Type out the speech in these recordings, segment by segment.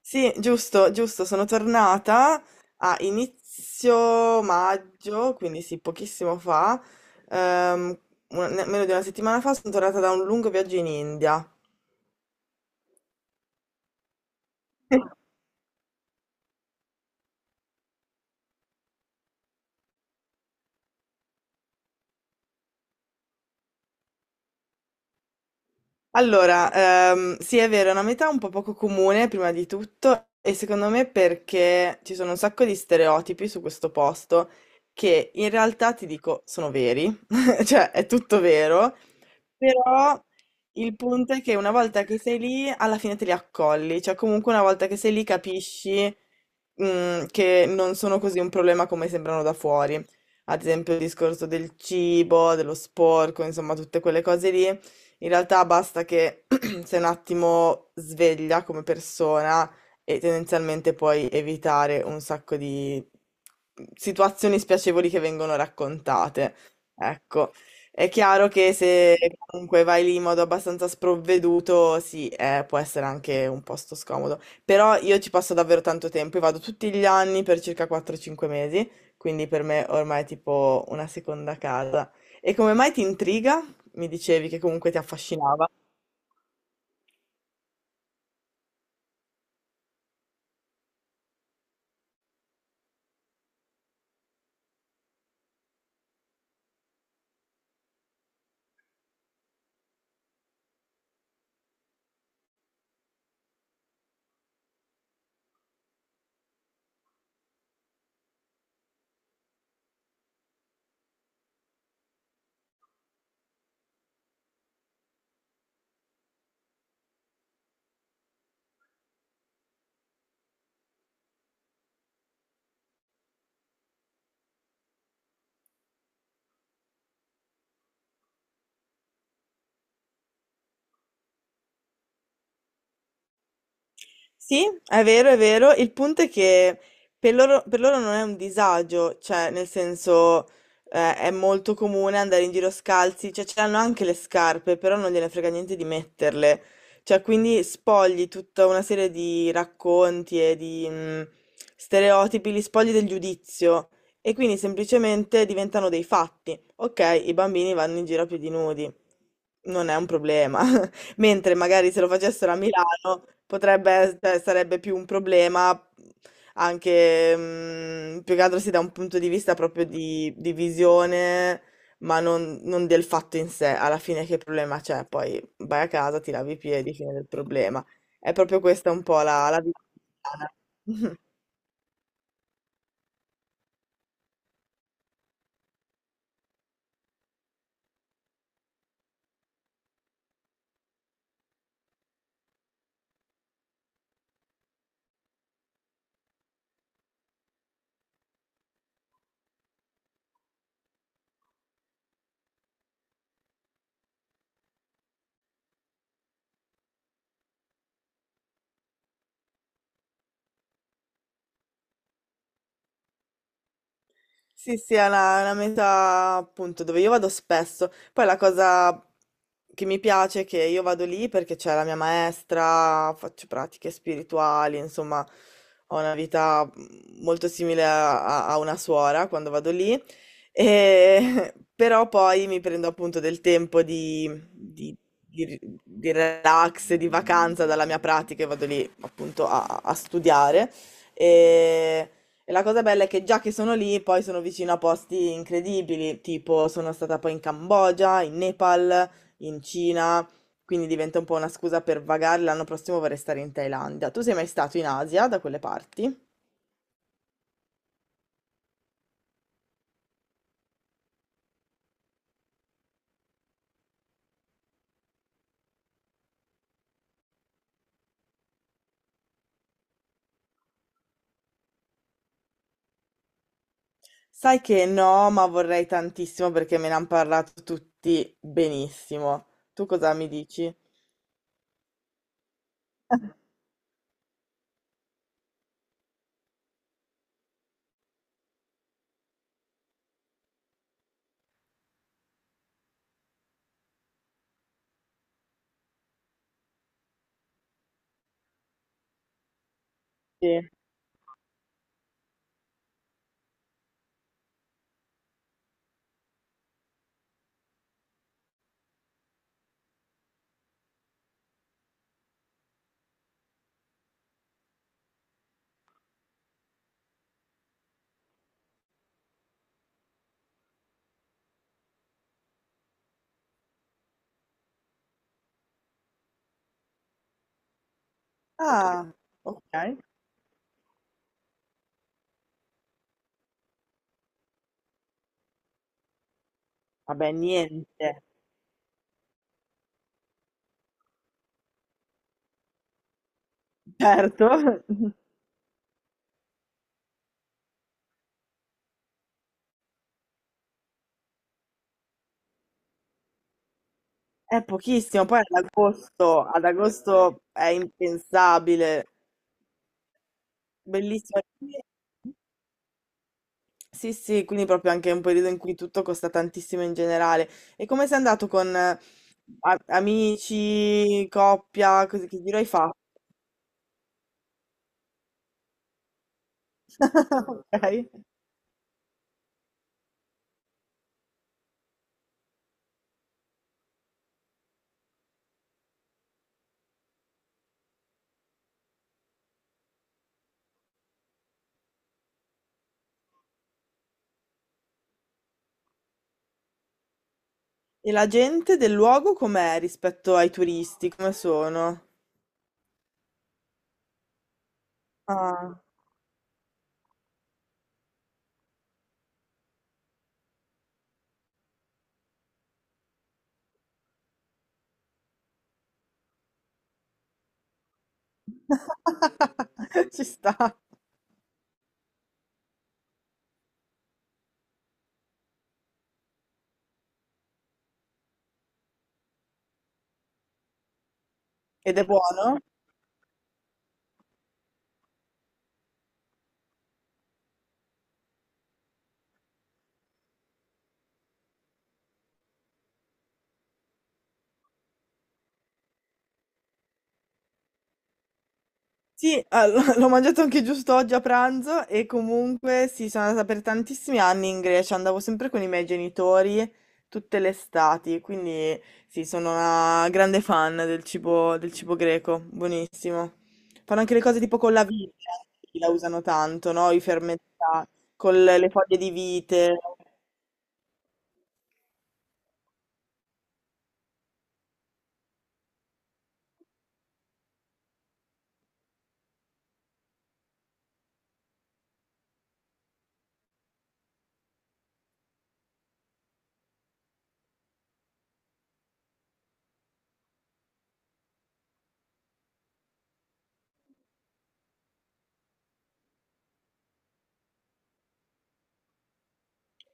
Sì, giusto, giusto, sono tornata a inizio maggio, quindi sì, pochissimo fa, ehm, meno di una settimana fa sono tornata da un lungo viaggio in India. Allora, sì, è vero, è una metà un po' poco comune, prima di tutto, e secondo me perché ci sono un sacco di stereotipi su questo posto che in realtà ti dico sono veri, cioè è tutto vero. Però il punto è che una volta che sei lì, alla fine te li accolli, cioè comunque una volta che sei lì capisci che non sono così un problema come sembrano da fuori. Ad esempio il discorso del cibo, dello sporco, insomma tutte quelle cose lì. In realtà basta che sei un attimo sveglia come persona e tendenzialmente puoi evitare un sacco di situazioni spiacevoli che vengono raccontate. Ecco. È chiaro che se comunque vai lì in modo abbastanza sprovveduto, sì, può essere anche un posto scomodo. Però io ci passo davvero tanto tempo, io vado tutti gli anni per circa 4-5 mesi, quindi per me ormai è tipo una seconda casa. E come mai ti intriga? Mi dicevi che comunque ti affascinava. Sì, è vero, è vero. Il punto è che per loro non è un disagio, cioè nel senso è molto comune andare in giro scalzi, cioè ce l'hanno anche le scarpe, però non gliene frega niente di metterle. Cioè quindi spogli tutta una serie di racconti e di stereotipi, li spogli del giudizio e quindi semplicemente diventano dei fatti. Ok, i bambini vanno in giro più di nudi, non è un problema. Mentre magari se lo facessero a Milano potrebbe, cioè, sarebbe più un problema anche, più che altro sì, da un punto di vista proprio di visione, ma non, non del fatto in sé. Alla fine che problema c'è? Poi vai a casa, ti lavi i piedi, fine del problema. È proprio questa un po' la vita italiana. Sì, sì, è una meta appunto dove io vado spesso. Poi la cosa che mi piace è che io vado lì perché c'è la mia maestra, faccio pratiche spirituali, insomma, ho una vita molto simile a, a una suora quando vado lì. E- però poi mi prendo appunto del tempo di, di relax, di vacanza dalla mia pratica e vado lì appunto a studiare. E e la cosa bella è che già che sono lì, poi sono vicino a posti incredibili, tipo sono stata poi in Cambogia, in Nepal, in Cina, quindi diventa un po' una scusa per vagare. L'anno prossimo vorrei stare in Thailandia. Tu sei mai stato in Asia, da quelle parti? Sai che no, ma vorrei tantissimo perché me ne hanno parlato tutti benissimo. Tu cosa mi dici? Sì. Ah, ok. Vabbè, niente. Certo. È pochissimo, poi ad agosto è impensabile, bellissimo. Sì, sì, quindi proprio anche un periodo in cui tutto costa tantissimo in generale. E come sei andato con amici, coppia, così, che giro hai fatto? Ok. E la gente del luogo com'è rispetto ai turisti? Come sono? Ah. Ci sta. Ed è buono? Sì, ah, l'ho mangiato anche giusto oggi a pranzo e comunque sì, sono andata per tantissimi anni in Grecia, andavo sempre con i miei genitori tutte le estati, quindi sì, sono una grande fan del cibo greco, buonissimo. Fanno anche le cose tipo con la vite, la usano tanto, no? I fermentati, con le foglie di vite.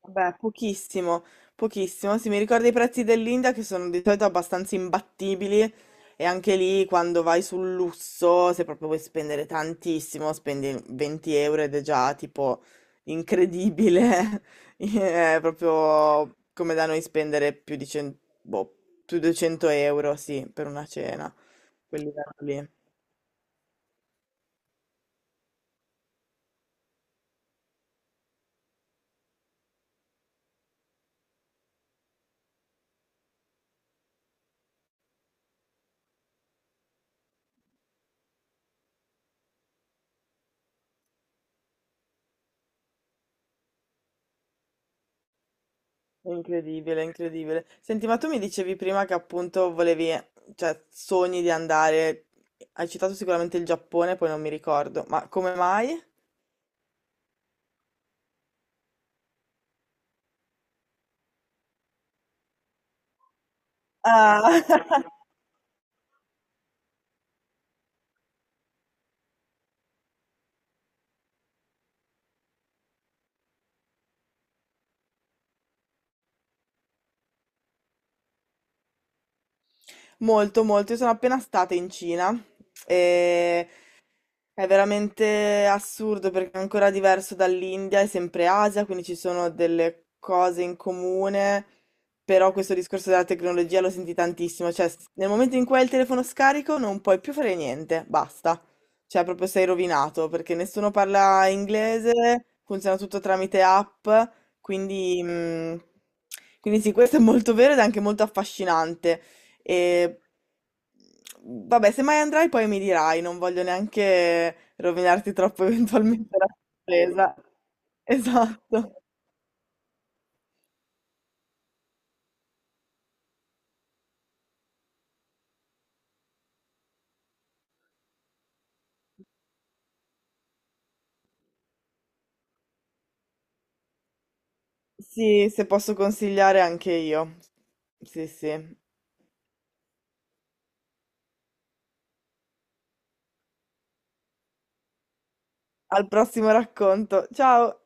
Vabbè, pochissimo, pochissimo. Sì, mi ricordo i prezzi dell'India che sono di solito abbastanza imbattibili e anche lì quando vai sul lusso, se proprio vuoi spendere tantissimo, spendi 20 euro ed è già tipo incredibile. È proprio come da noi spendere più di 100, boh, più di 200 euro, sì, per una cena, quel livello lì. Incredibile, incredibile. Senti, ma tu mi dicevi prima che appunto volevi, cioè, sogni di andare, hai citato sicuramente il Giappone, poi non mi ricordo, ma come mai? Ah, molto, molto. Io sono appena stata in Cina e è veramente assurdo perché è ancora diverso dall'India, è sempre Asia, quindi ci sono delle cose in comune, però questo discorso della tecnologia lo senti tantissimo, cioè nel momento in cui hai il telefono scarico non puoi più fare niente, basta, cioè proprio sei rovinato perché nessuno parla inglese, funziona tutto tramite app, quindi, quindi sì, questo è molto vero ed è anche molto affascinante. E vabbè, se mai andrai poi mi dirai, non voglio neanche rovinarti troppo eventualmente la sorpresa. Esatto. Sì, se posso consigliare anche io. Sì, sì. Al prossimo racconto. Ciao!